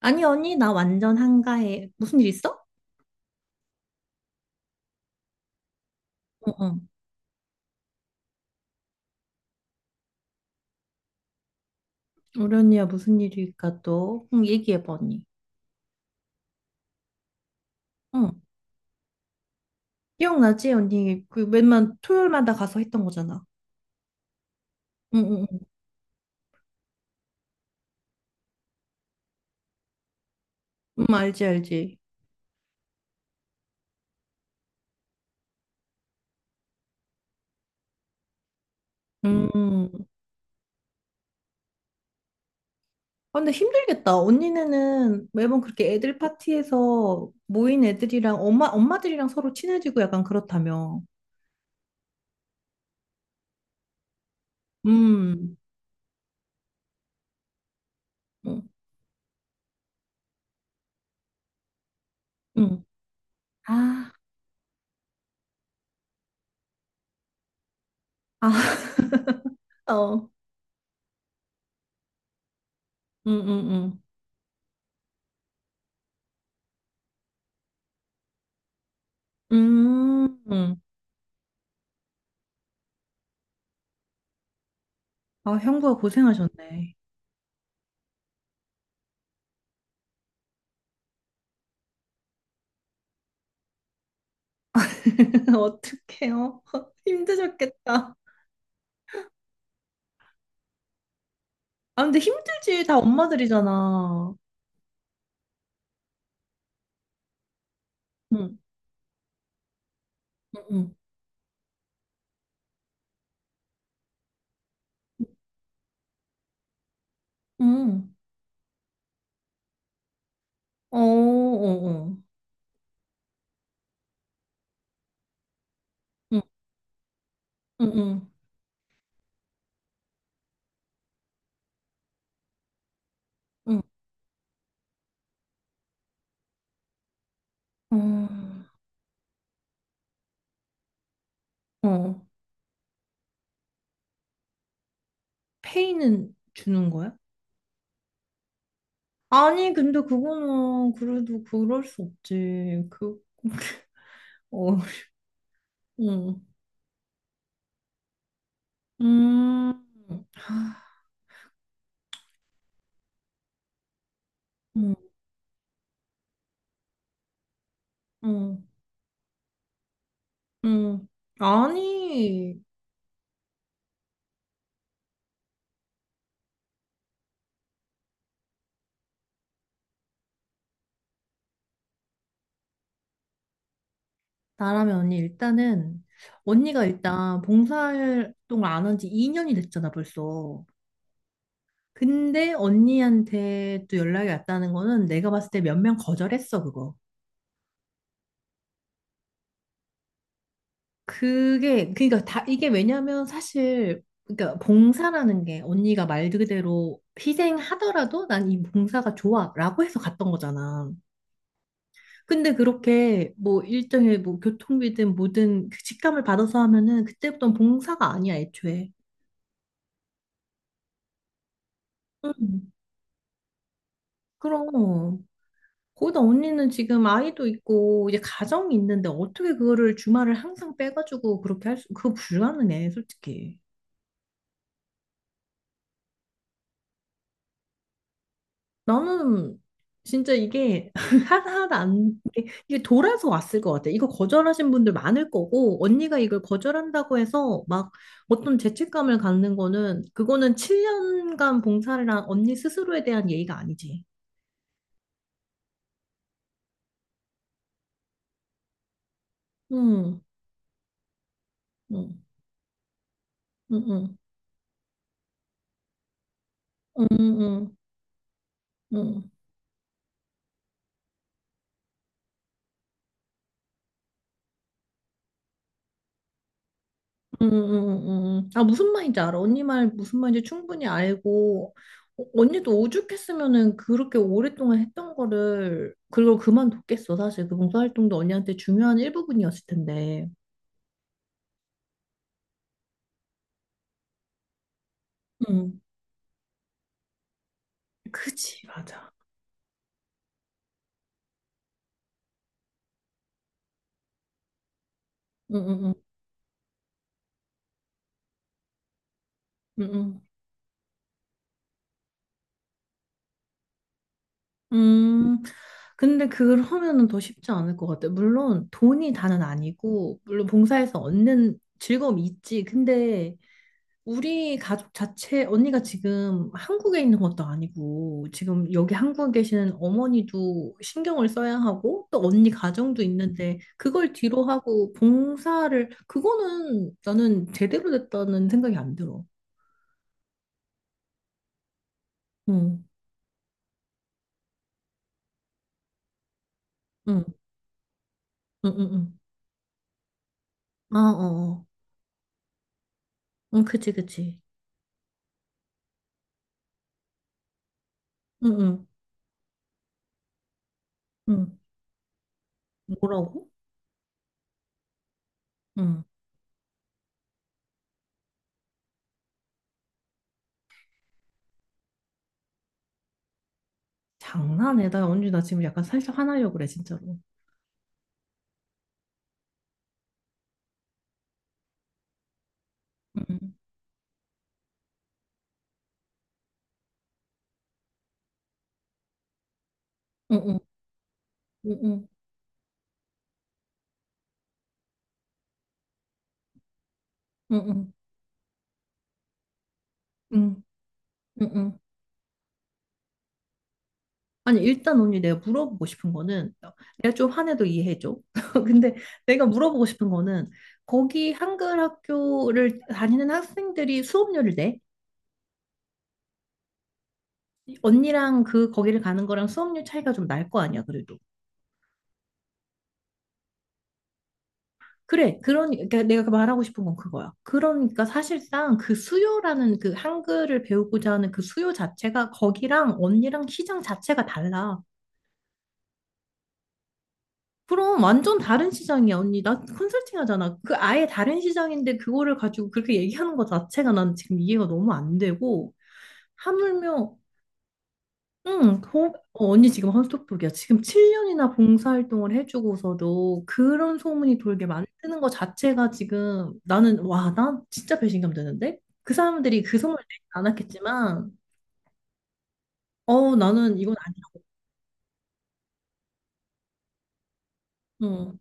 아니, 언니, 나 완전 한가해. 무슨 일 있어? 응, 응. 우리 언니야, 무슨 일일까 또? 응, 얘기해봐, 언니. 응. 기억나지, 언니? 그 맨만 토요일마다 가서 했던 거잖아. 응, 응, 응. 응, 알지, 알지. 음. 아, 근데 힘들겠다. 언니네는 매번 그렇게 애들 파티에서 모인 애들이랑 엄마, 엄마들이랑 서로 친해지고 약간 그렇다며. 음. 응, 응. 아, 아, 어. 응, 응, 응. 음. 아, 형부가 고생하셨네. 어떡해요? 힘드셨겠다. 아, 근데 힘들지. 다 엄마들이잖아. 응, 응, 응. 응. 어, 어, 어. 응, 응, 응. 응. 어, 어. 페이는 주는 거야? 아니, 근데 그거는 그래도 그럴 수 없지. 그, 어, 응. 음, 응, 응, 응. 아니. 나라면 언니 일단은 언니가 일단 봉사활동을 안 한 지 2년이 됐잖아 벌써. 근데 언니한테 또 연락이 왔다는 거는 내가 봤을 때 몇 명 거절했어 그거. 그게 그러니까 다 이게 왜냐면 사실 그러니까 봉사라는 게 언니가 말 그대로 희생하더라도 난 이 봉사가 좋아라고 해서 갔던 거잖아. 근데 그렇게 뭐 일정의 뭐 교통비든 뭐든 그 직감을 받아서 하면은 그때부터는 봉사가 아니야 애초에. 응. 그럼. 거기다 언니는 지금 아이도 있고 이제 가정이 있는데 어떻게 그거를 주말을 항상 빼가지고 그렇게 할 수, 그거 불가능해, 솔직히. 나는 진짜 이게 하나하나 안, 이게 돌아서 왔을 것 같아. 이거 거절하신 분들 많을 거고 언니가 이걸 거절한다고 해서 막 어떤 죄책감을 갖는 거는 그거는 7년간 봉사를 한 언니 스스로에 대한 예의가 아니지. 응, 응, 응, 응, 응, 응. 응. 음. 음. 아, 무슨 말인지 알아. 언니 말 무슨 말인지 충분히 알고, 어, 언니도 오죽했으면은 그렇게 오랫동안 했던 거를, 그걸 그만뒀겠어. 사실 그 봉사활동도 언니한테 중요한 일부분이었을 텐데. 음, 그치, 맞아. 음, 음, 음, 음. 음, 음. 근데 그걸 하면은 더 쉽지 않을 것 같아. 물론 돈이 다는 아니고, 물론 봉사에서 얻는 즐거움이 있지. 근데 우리 가족 자체, 언니가 지금 한국에 있는 것도 아니고, 지금 여기 한국에 계시는 어머니도 신경을 써야 하고, 또 언니 가정도 있는데, 그걸 뒤로 하고, 봉사를, 그거는 나는 제대로 됐다는 생각이 안 들어. 응, 응, 응, 응, 응. 아, 어, 어. 응, 그치, 그치. 응, 응, 응. 뭐라고? 응. 장난해. 나 언니, 나 지금 약간 살짝 화나려고 그래, 진짜로. 응, 응, 응, 응, 응, 응, 응, 응, 응. 아니, 일단 언니 내가 물어보고 싶은 거는, 내가 좀 화내도 이해해줘. 근데 내가 물어보고 싶은 거는, 거기 한글 학교를 다니는 학생들이 수업료를 내? 언니랑 그, 거기를 가는 거랑 수업료 차이가 좀 날 거 아니야, 그래도. 그래, 그러니까 내가 말하고 싶은 건 그거야. 그러니까 사실상 그 수요라는 그 한글을 배우고자 하는 그 수요 자체가 거기랑 언니랑 시장 자체가 달라. 그럼 완전 다른 시장이야, 언니. 나 컨설팅 하잖아. 그 아예 다른 시장인데 그거를 가지고 그렇게 얘기하는 것 자체가 난 지금 이해가 너무 안 되고. 하물며, 응, 거- 어, 언니 지금 스떡도리야 지금 7년이나 봉사활동을 해주고서도 그런 소문이 돌게 만드는 것 자체가 지금 나는, 와, 난 진짜 배신감 드는데? 그 사람들이 그 소문을 내지 않았겠지만, 어, 나는 이건 아니, 응,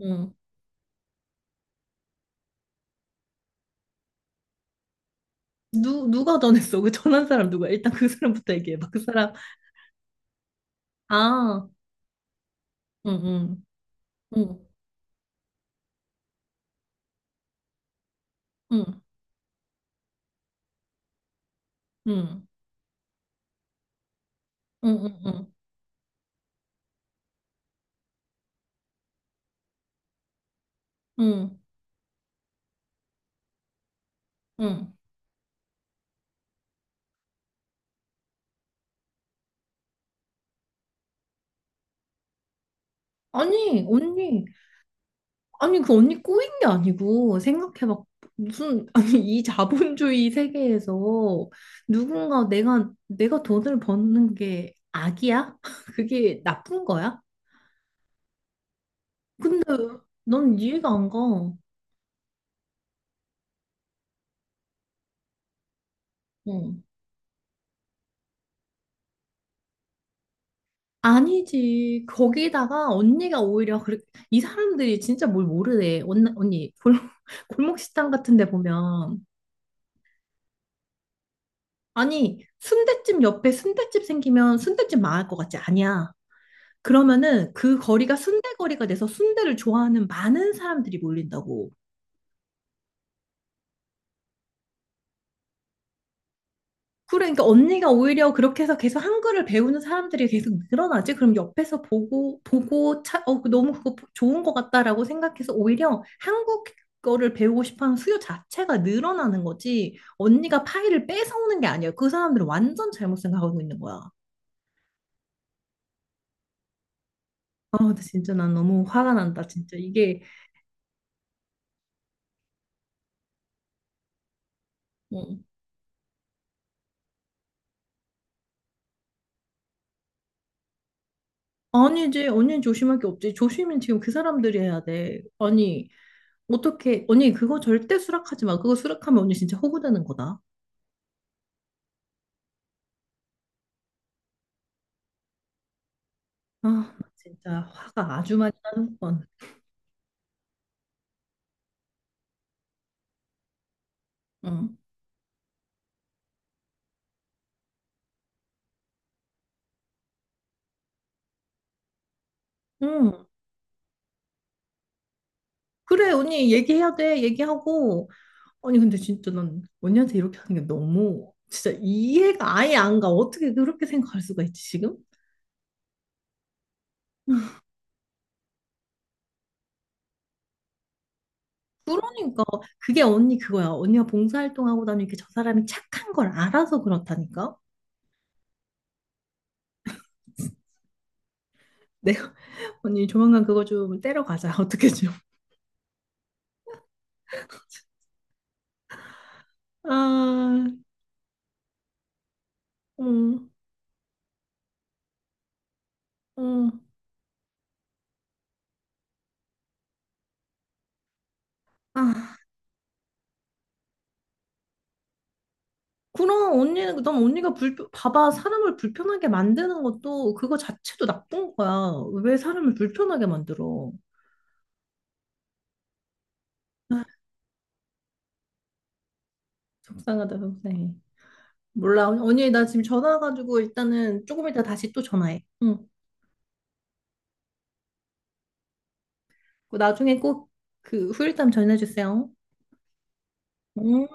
응. 누가 전했어? 그 전한 사람 누구야? 일단 그 사람부터 얘기해봐. 그 사람. 아. 응, 응, 응, 응, 응, 응, 응, 응, 응. 아니, 언니, 아니, 그 언니 꼬인 게 아니고, 생각해 봐. 무슨, 아니, 이 자본주의 세계에서 누군가 내가 돈을 버는 게 악이야? 그게 나쁜 거야? 근데 넌 이해가 안 가. 응. 아니지. 거기다가 언니가 오히려, 그래, 이 사람들이 진짜 뭘 모르네. 언니, 언니, 골 골목 식당 같은 데 보면. 아니, 순댓집 옆에 순댓집 생기면 순댓집 망할 것 같지? 아니야. 그러면은 그 거리가 순대 거리가 돼서 순대를 좋아하는 많은 사람들이 몰린다고. 그래, 그러니까 언니가 오히려 그렇게 해서 계속 한글을 배우는 사람들이 계속 늘어나지? 그럼 옆에서 보고, 차, 어, 그 너무 그거 좋은 것 같다라고 생각해서 오히려 한국 거를 배우고 싶어 하는 수요 자체가 늘어나는 거지. 언니가 파일을 뺏어오는 게 아니야. 그 사람들은 완전 잘못 생각하고 있는 거야. 아, 근데 진짜 난 너무 화가 난다, 진짜. 이게. 어. 아니지, 언니 조심할 게 없지. 조심은 지금 그 사람들이 해야 돼. 아니, 어떻게, 언니 그거 절대 수락하지 마. 그거 수락하면 언니 진짜 호구되는 거다. 아, 나 진짜 화가 아주 많이 나는 건. 응, 응. 그래, 언니 얘기해야 돼. 얘기하고. 아니, 근데 진짜 난 언니한테 이렇게 하는 게 너무 진짜 이해가 아예 안 가. 어떻게 그렇게 생각할 수가 있지, 지금? 그러니까 그게 언니 그거야. 언니가 봉사활동하고 다니는 게 저 사람이 착한 걸 알아서 그렇다니까. 네, 언니 조만간 그거 좀 떼러 가자. 어떻게 좀. 아, 음, 음. 아, 그럼 언니는 넌 언니가 불 봐봐 사람을 불편하게 만드는 것도 그거 자체도 나쁜 거야. 왜 사람을 불편하게 만들어? 아, 속상하다 속상해. 몰라 언니 나 지금 전화 와가지고 일단은 조금 이따 다시 또 전화해. 응. 나중에 꼭 그 후일담 전해주세요. 음.